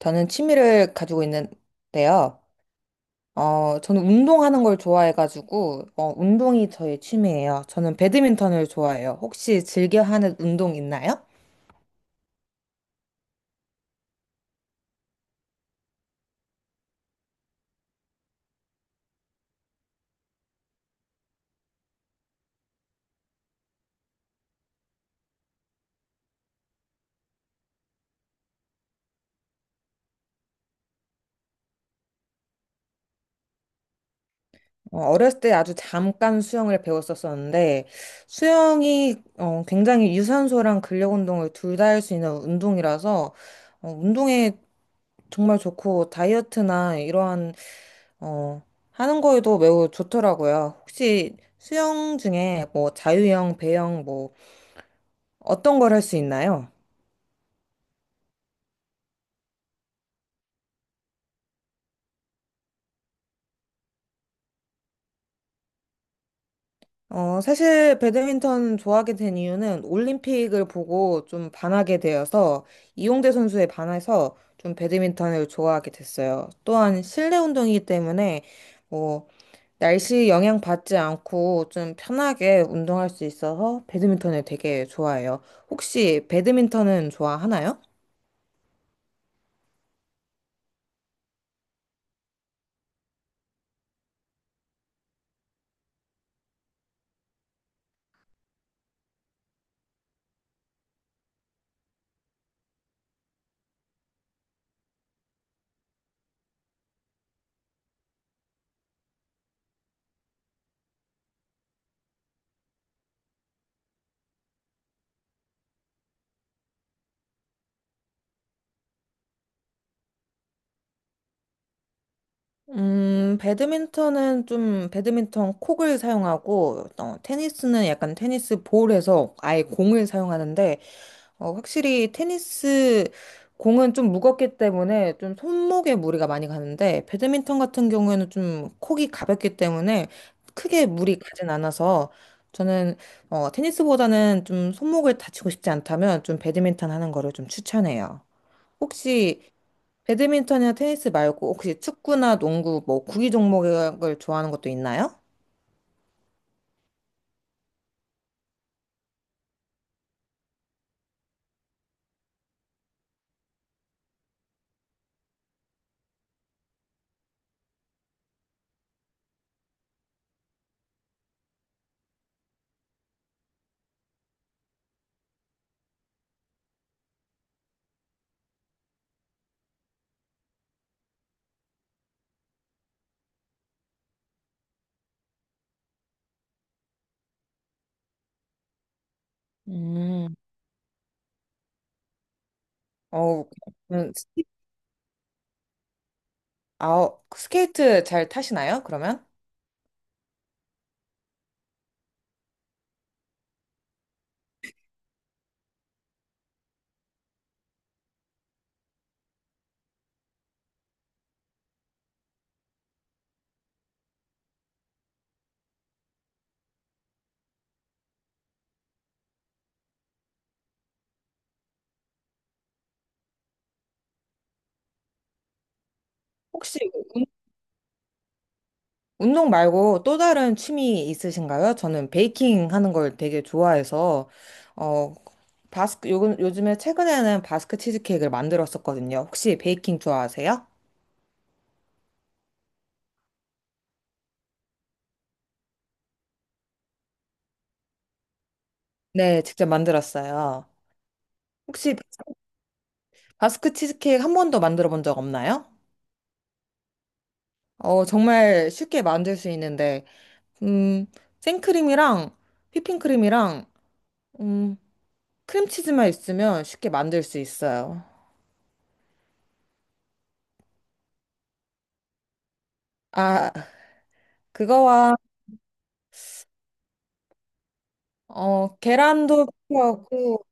저는 취미를 가지고 있는데요. 저는 운동하는 걸 좋아해가지고, 운동이 저의 취미예요. 저는 배드민턴을 좋아해요. 혹시 즐겨 하는 운동 있나요? 어렸을 때 아주 잠깐 수영을 배웠었었는데, 수영이 굉장히 유산소랑 근력 운동을 둘 다 할 수 있는 운동이라서, 운동에 정말 좋고, 다이어트나 이러한, 어, 하는 거에도 매우 좋더라고요. 혹시 수영 중에 뭐 자유형, 배영, 뭐 어떤 걸 할 수 있나요? 사실 배드민턴 좋아하게 된 이유는 올림픽을 보고 좀 반하게 되어서 이용대 선수에 반해서 좀 배드민턴을 좋아하게 됐어요. 또한 실내 운동이기 때문에 뭐 날씨 영향 받지 않고 좀 편하게 운동할 수 있어서 배드민턴을 되게 좋아해요. 혹시 배드민턴은 좋아하나요? 배드민턴은 좀 배드민턴 콕을 사용하고, 테니스는 약간 테니스 볼에서 아예 공을 사용하는데, 확실히 테니스 공은 좀 무겁기 때문에 좀 손목에 무리가 많이 가는데, 배드민턴 같은 경우에는 좀 콕이 가볍기 때문에 크게 무리 가진 않아서, 저는 테니스보다는 좀 손목을 다치고 싶지 않다면 좀 배드민턴 하는 거를 좀 추천해요. 혹시 배드민턴이나 테니스 말고 혹시 축구나 농구 뭐 구기 종목을 좋아하는 것도 있나요? 음, 어, 음, 스키- 아, 스케이트 잘 타시나요? 그러면? 혹시 운- 운동 말고 또 다른 취미 있으신가요? 저는 베이킹 하는 걸 되게 좋아해서 어, 바스크 요즘에 최근에는 바스크 치즈케이크를 만들었었거든요. 혹시 베이킹 좋아하세요? 네, 직접 만들었어요. 혹시 바스크 치즈케이크 한 번도 만들어 본 적 없나요? 정말 쉽게 만들 수 있는데, 음, 생크림이랑 휘핑크림이랑, 음, 크림치즈만 있으면 쉽게 만들 수 있어요. 아, 그거와, 계란도 필요하고,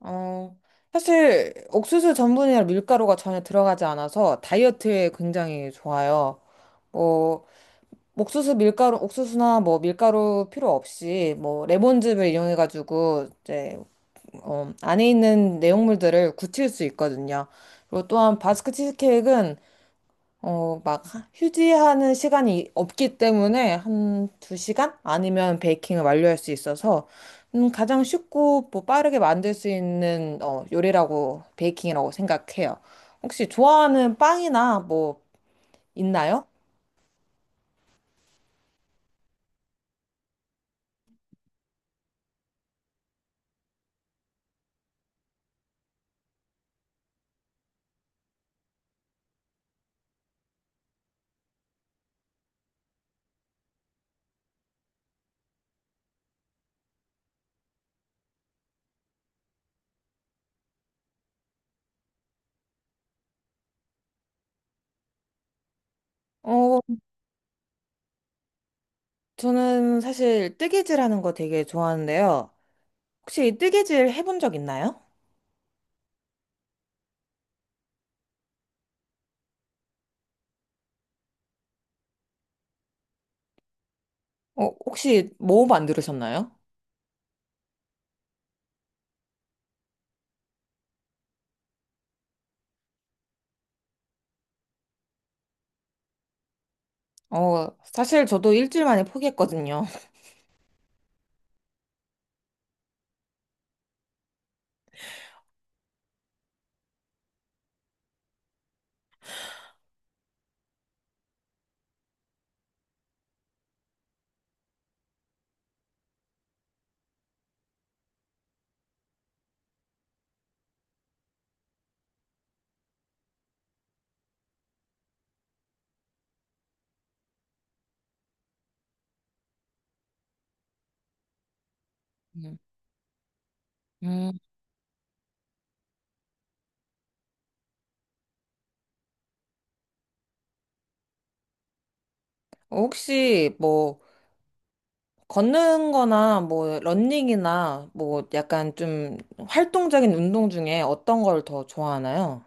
어, 사실 옥수수 전분이나 밀가루가 전혀 들어가지 않아서 다이어트에 굉장히 좋아요. 뭐, 옥수수 밀가루, 옥수수나 뭐 밀가루 필요 없이 뭐 레몬즙을 이용해가지고 이제 안에 있는 내용물들을 굳힐 수 있거든요. 그리고 또한 바스크 치즈케이크는 막 휴지하는 시간이 없기 때문에 한 두시간 아니면 베이킹을 완료할 수 있어서 가장 쉽고 뭐 빠르게 만들 수 있는 요리라고 베이킹이라고 생각해요. 혹시 좋아하는 빵이나 뭐 있나요? 어, 저는 사실 뜨개질 하는 거 되게 좋아하는데요. 혹시 뜨개질 해본 적 있나요? 혹시 뭐 만들으셨나요? 사실 저도 일주일 만에 포기했거든요. 음. 음, 혹시 뭐 걷는 거나 뭐 러닝이나 뭐 약간 좀 활동적인 운동 중에 어떤 걸 더 좋아하나요?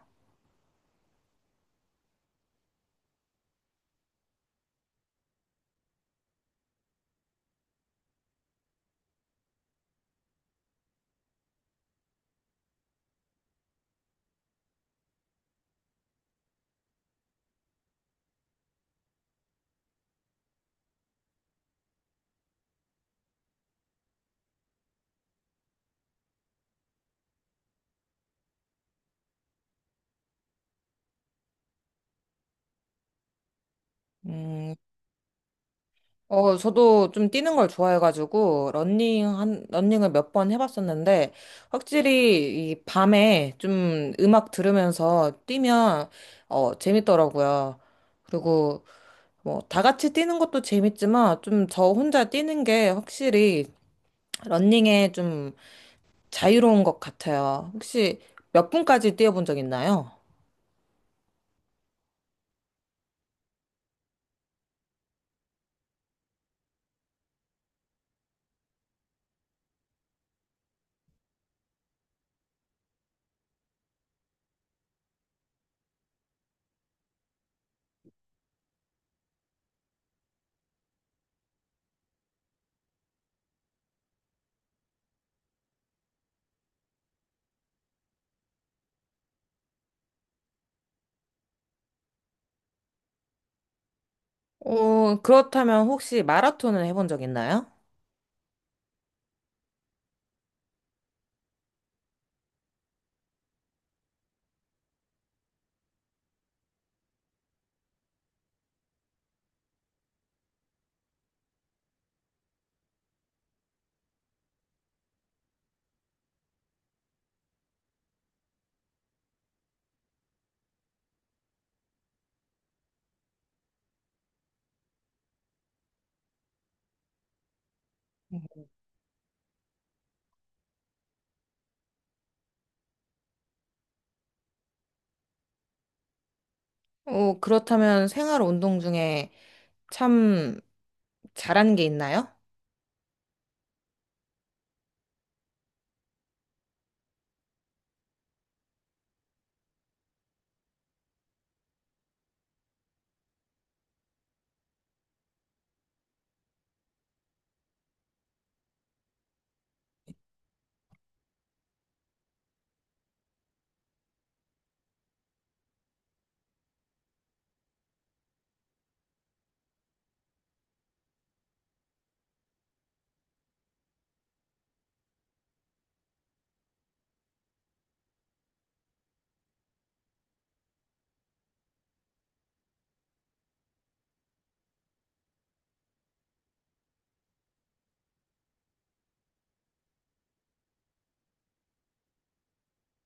음, 저도 좀 뛰는 걸 좋아해가지고 러닝을 몇 번 해봤었는데 확실히 이 밤에 좀 음악 들으면서 뛰면 재밌더라고요. 그리고 뭐, 다 같이 뛰는 것도 재밌지만, 좀 저 혼자 뛰는 게 확실히 러닝에 좀 자유로운 것 같아요. 혹시 몇 분까지 뛰어본 적 있나요? 그렇다면 혹시 마라톤을 해본 적 있나요? 그렇다면 생활 운동 중에 참 잘하는 게 있나요?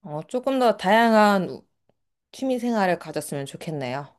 조금 더 다양한 취미 생활을 가졌으면 좋겠네요.